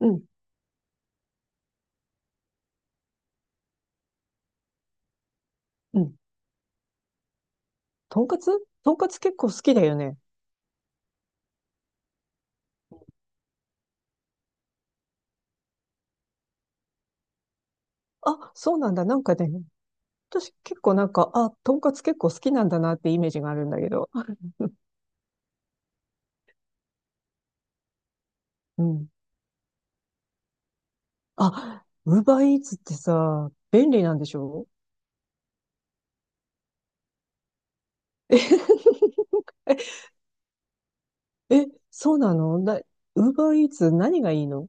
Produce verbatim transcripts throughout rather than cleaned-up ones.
うん、うん。とんかつとんかつ結構好きだよね。あ、そうなんだ。なんかね、私結構なんか、あ、とんかつ結構好きなんだなってイメージがあるんだけど。うん。あ、ウーバーイーツってさ、便利なんでしょ？え、え、そうなのな、ウーバーイーツ何がいいの？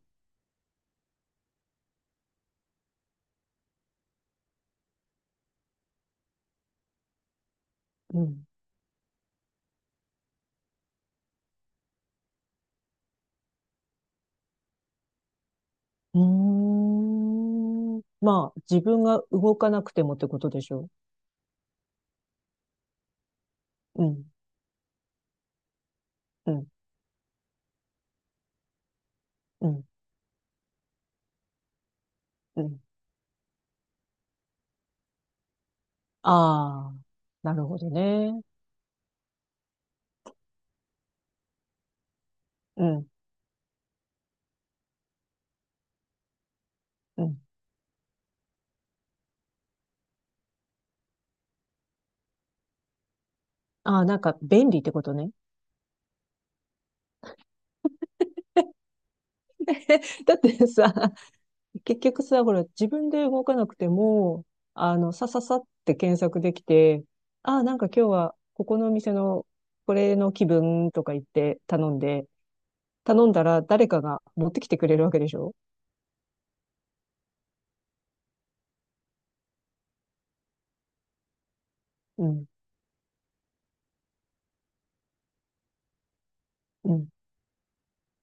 うん。うーん。まあ、自分が動かなくてもってことでしょ？うん、うん、うん、うん。ああ、なるほどね。うん、うん。ああ、なんか便利ってことね。だってさ、結局さ、ほら、自分で動かなくても、あの、さささって検索できて、ああ、なんか今日は、ここのお店の、これの気分とか言って頼んで、頼んだら誰かが持ってきてくれるわけでしょ？うん、うん、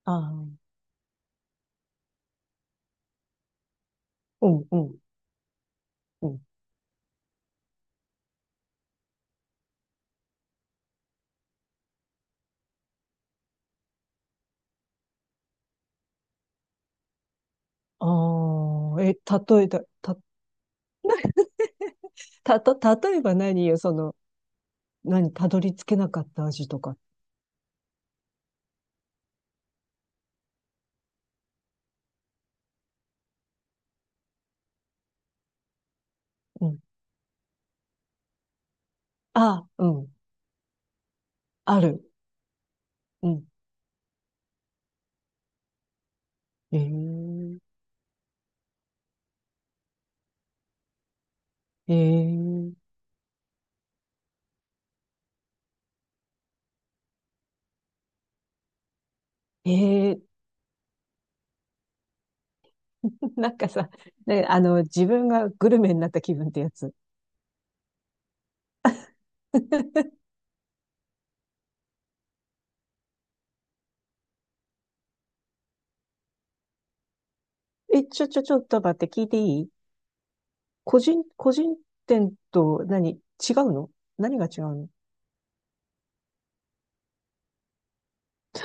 ああ、うん、うん、うん。ああ、え、例えた、た、た、た、例えば何よ、その、何、たどり着けなかった味とか。うん。ああ、うん、ある。うん。ええええええ なんかさ、ね、あの、自分がグルメになった気分ってやつ。え、ちょ、ちょ、ちょっと待って、聞いていい？個人、個人店と何違うの何が違うの？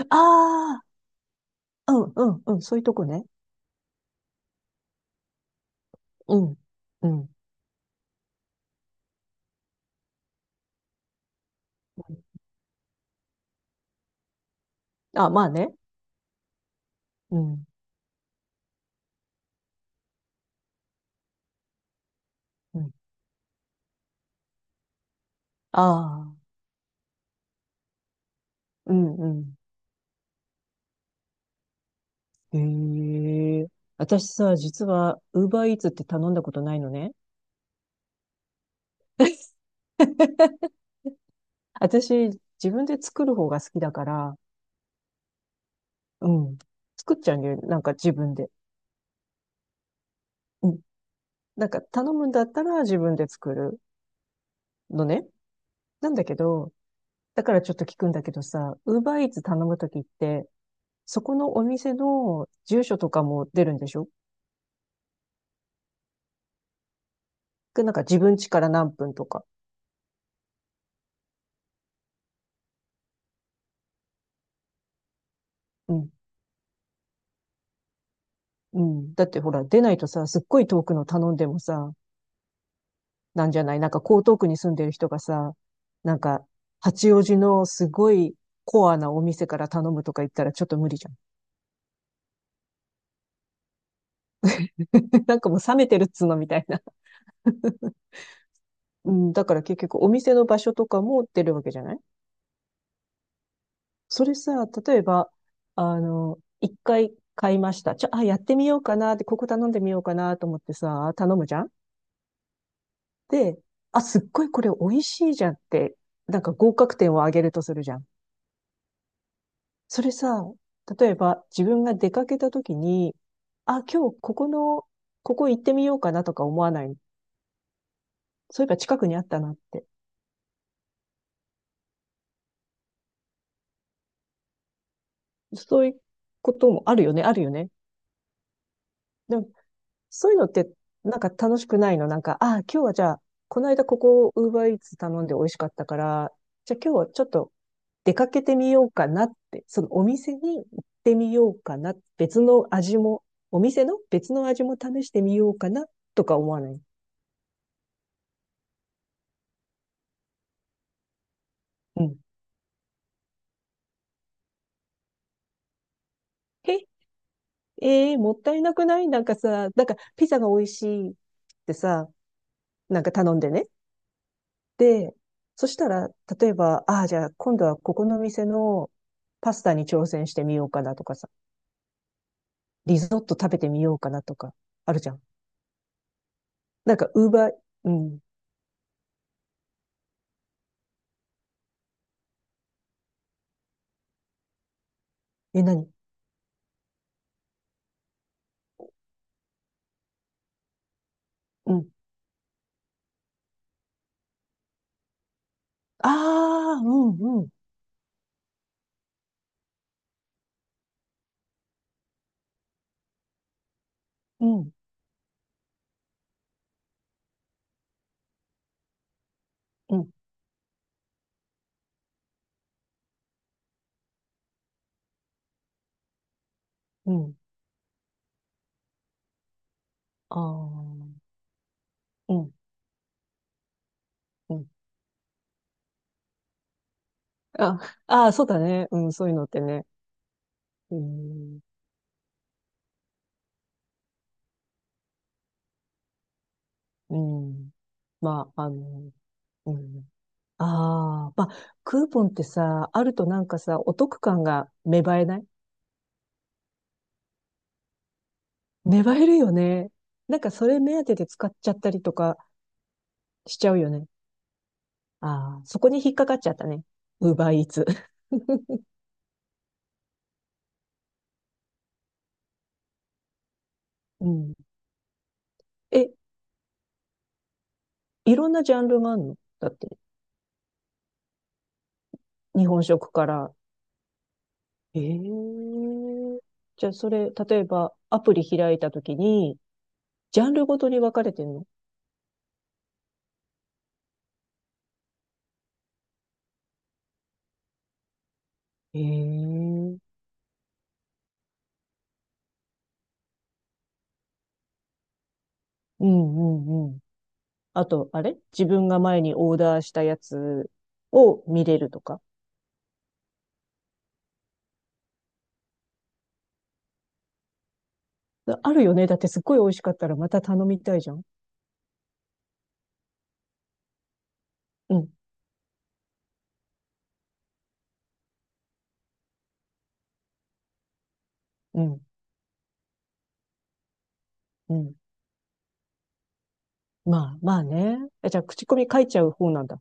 ああー、うん、うん、うん、そういうとこね。うん、うん。あ、まあね。うん、うん。ああ、うん、うん。へえ、私さ、実は、ウーバーイーツって頼んだことないのね。私、自分で作る方が好きだから、うん。作っちゃうんだよね。なんか自分で。うん。なんか頼むんだったら自分で作るのね。なんだけど、だからちょっと聞くんだけどさ、ウーバーイーツ頼むときって、そこのお店の住所とかも出るんでしょ？でなんか自分家から何分とか。うん。うん。だってほら、出ないとさ、すっごい遠くの頼んでもさ、なんじゃない、なんか江東区に住んでる人がさ、なんか、八王子のすごいコアなお店から頼むとか言ったらちょっと無理じゃん。なんかもう冷めてるっつうのみたいな。うん、だから結局お店の場所とかも出るわけじゃない？それさ、例えば、あの、いっかい買いました。ちょ、あ、やってみようかなって、ここ頼んでみようかなと思ってさ、頼むじゃん。で、あ、すっごいこれ美味しいじゃんって、なんか合格点を上げるとするじゃん。それさ、例えば自分が出かけた時に、あ、今日ここの、ここ行ってみようかなとか思わない？そういえば近くにあったなって。そういうこともあるよね、あるよね。でもそういうのって、なんか楽しくないの？なんか、ああ、今日はじゃあ、この間ここ、ウーバーイーツ頼んで美味しかったから、じゃあ今日はちょっと出かけてみようかなって、そのお店に行ってみようかな、別の味も、お店の別の味も試してみようかな、とか思わない？うん。え、えーもったいなくない？なんかさ、なんかピザが美味しいってさ、なんか頼んでね。で、そしたら、例えば、ああ、じゃあ今度はここの店のパスタに挑戦してみようかなとかさ、リゾット食べてみようかなとか、あるじゃん。なんか、ウーバー、うん。え、何？うん。ああ、うん、うん、うん、うん、うん。ああ、うん、うん。あ、ああ、そうだね。うん、そういうのってね。うん、うん。まあ、あの、うん。ああ、まあ、クーポンってさ、あるとなんかさ、お得感が芽生えない？粘れるよね。なんかそれ目当てで使っちゃったりとかしちゃうよね。ああ、そこに引っかかっちゃったね。ウーバーイーツ。うん。え、いろんなジャンルがあるのだって、日本食から。ええー、じゃあそれ、例えばアプリ開いたときに、ジャンルごとに分かれてるの？ええー、うんうんうん。あと、あれ自分が前にオーダーしたやつを見れるとか。あるよね。だってすっごい美味しかったらまた頼みたいじゃん。うん。うん、うん。まあ、まあね。え、じゃあ、口コミ書いちゃう方なんだ。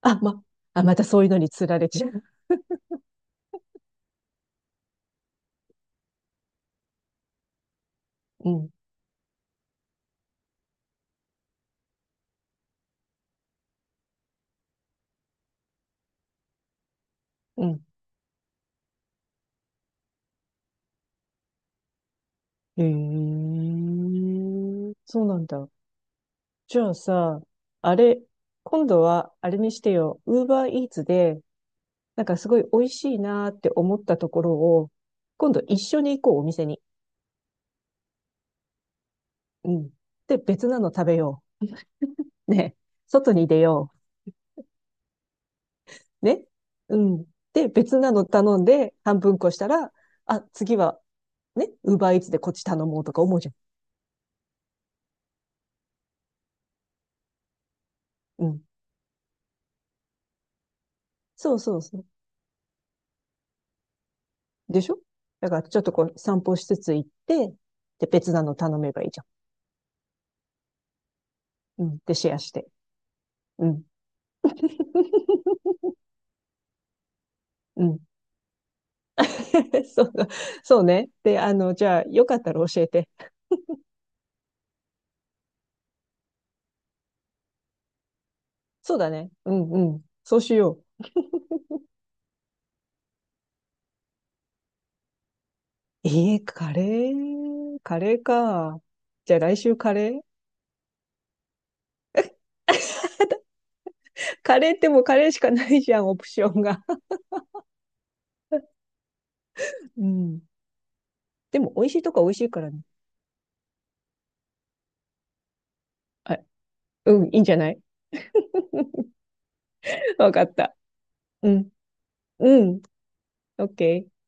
あ、ま、あ、またそういうのに釣られちゃう。うん、うん。へえ、そうなんだ。じゃあさ、あれ、今度は、あれにしてよ、ウーバーイーツで、なんかすごい美味しいなーって思ったところを、今度一緒に行こう、お店に。うん。で、別なの食べよう。ね。外に出よう。ね。うん。で、別なの頼んで、半分こしたら、あ、次はね、ウーバーイーツでこっち頼もうとか思うじゃん。うん。そうそうそう。でしょ？だからちょっとこう散歩しつつ行って、で、別なの頼めばいいじゃん。うん。で、シェアして。うん。うん。そう、そうね。で、あの、じゃあ、よかったら教えて。そうだね。うんうん。そうしよう。えー、カレー、カレーか。じゃあ来週カレー？カレーってもうカレーしかないじゃん、オプションが。うん。でも美味しいとこは美味しいからね。あ、うん、いいんじゃない？ わかった。うん。うん、オーケー。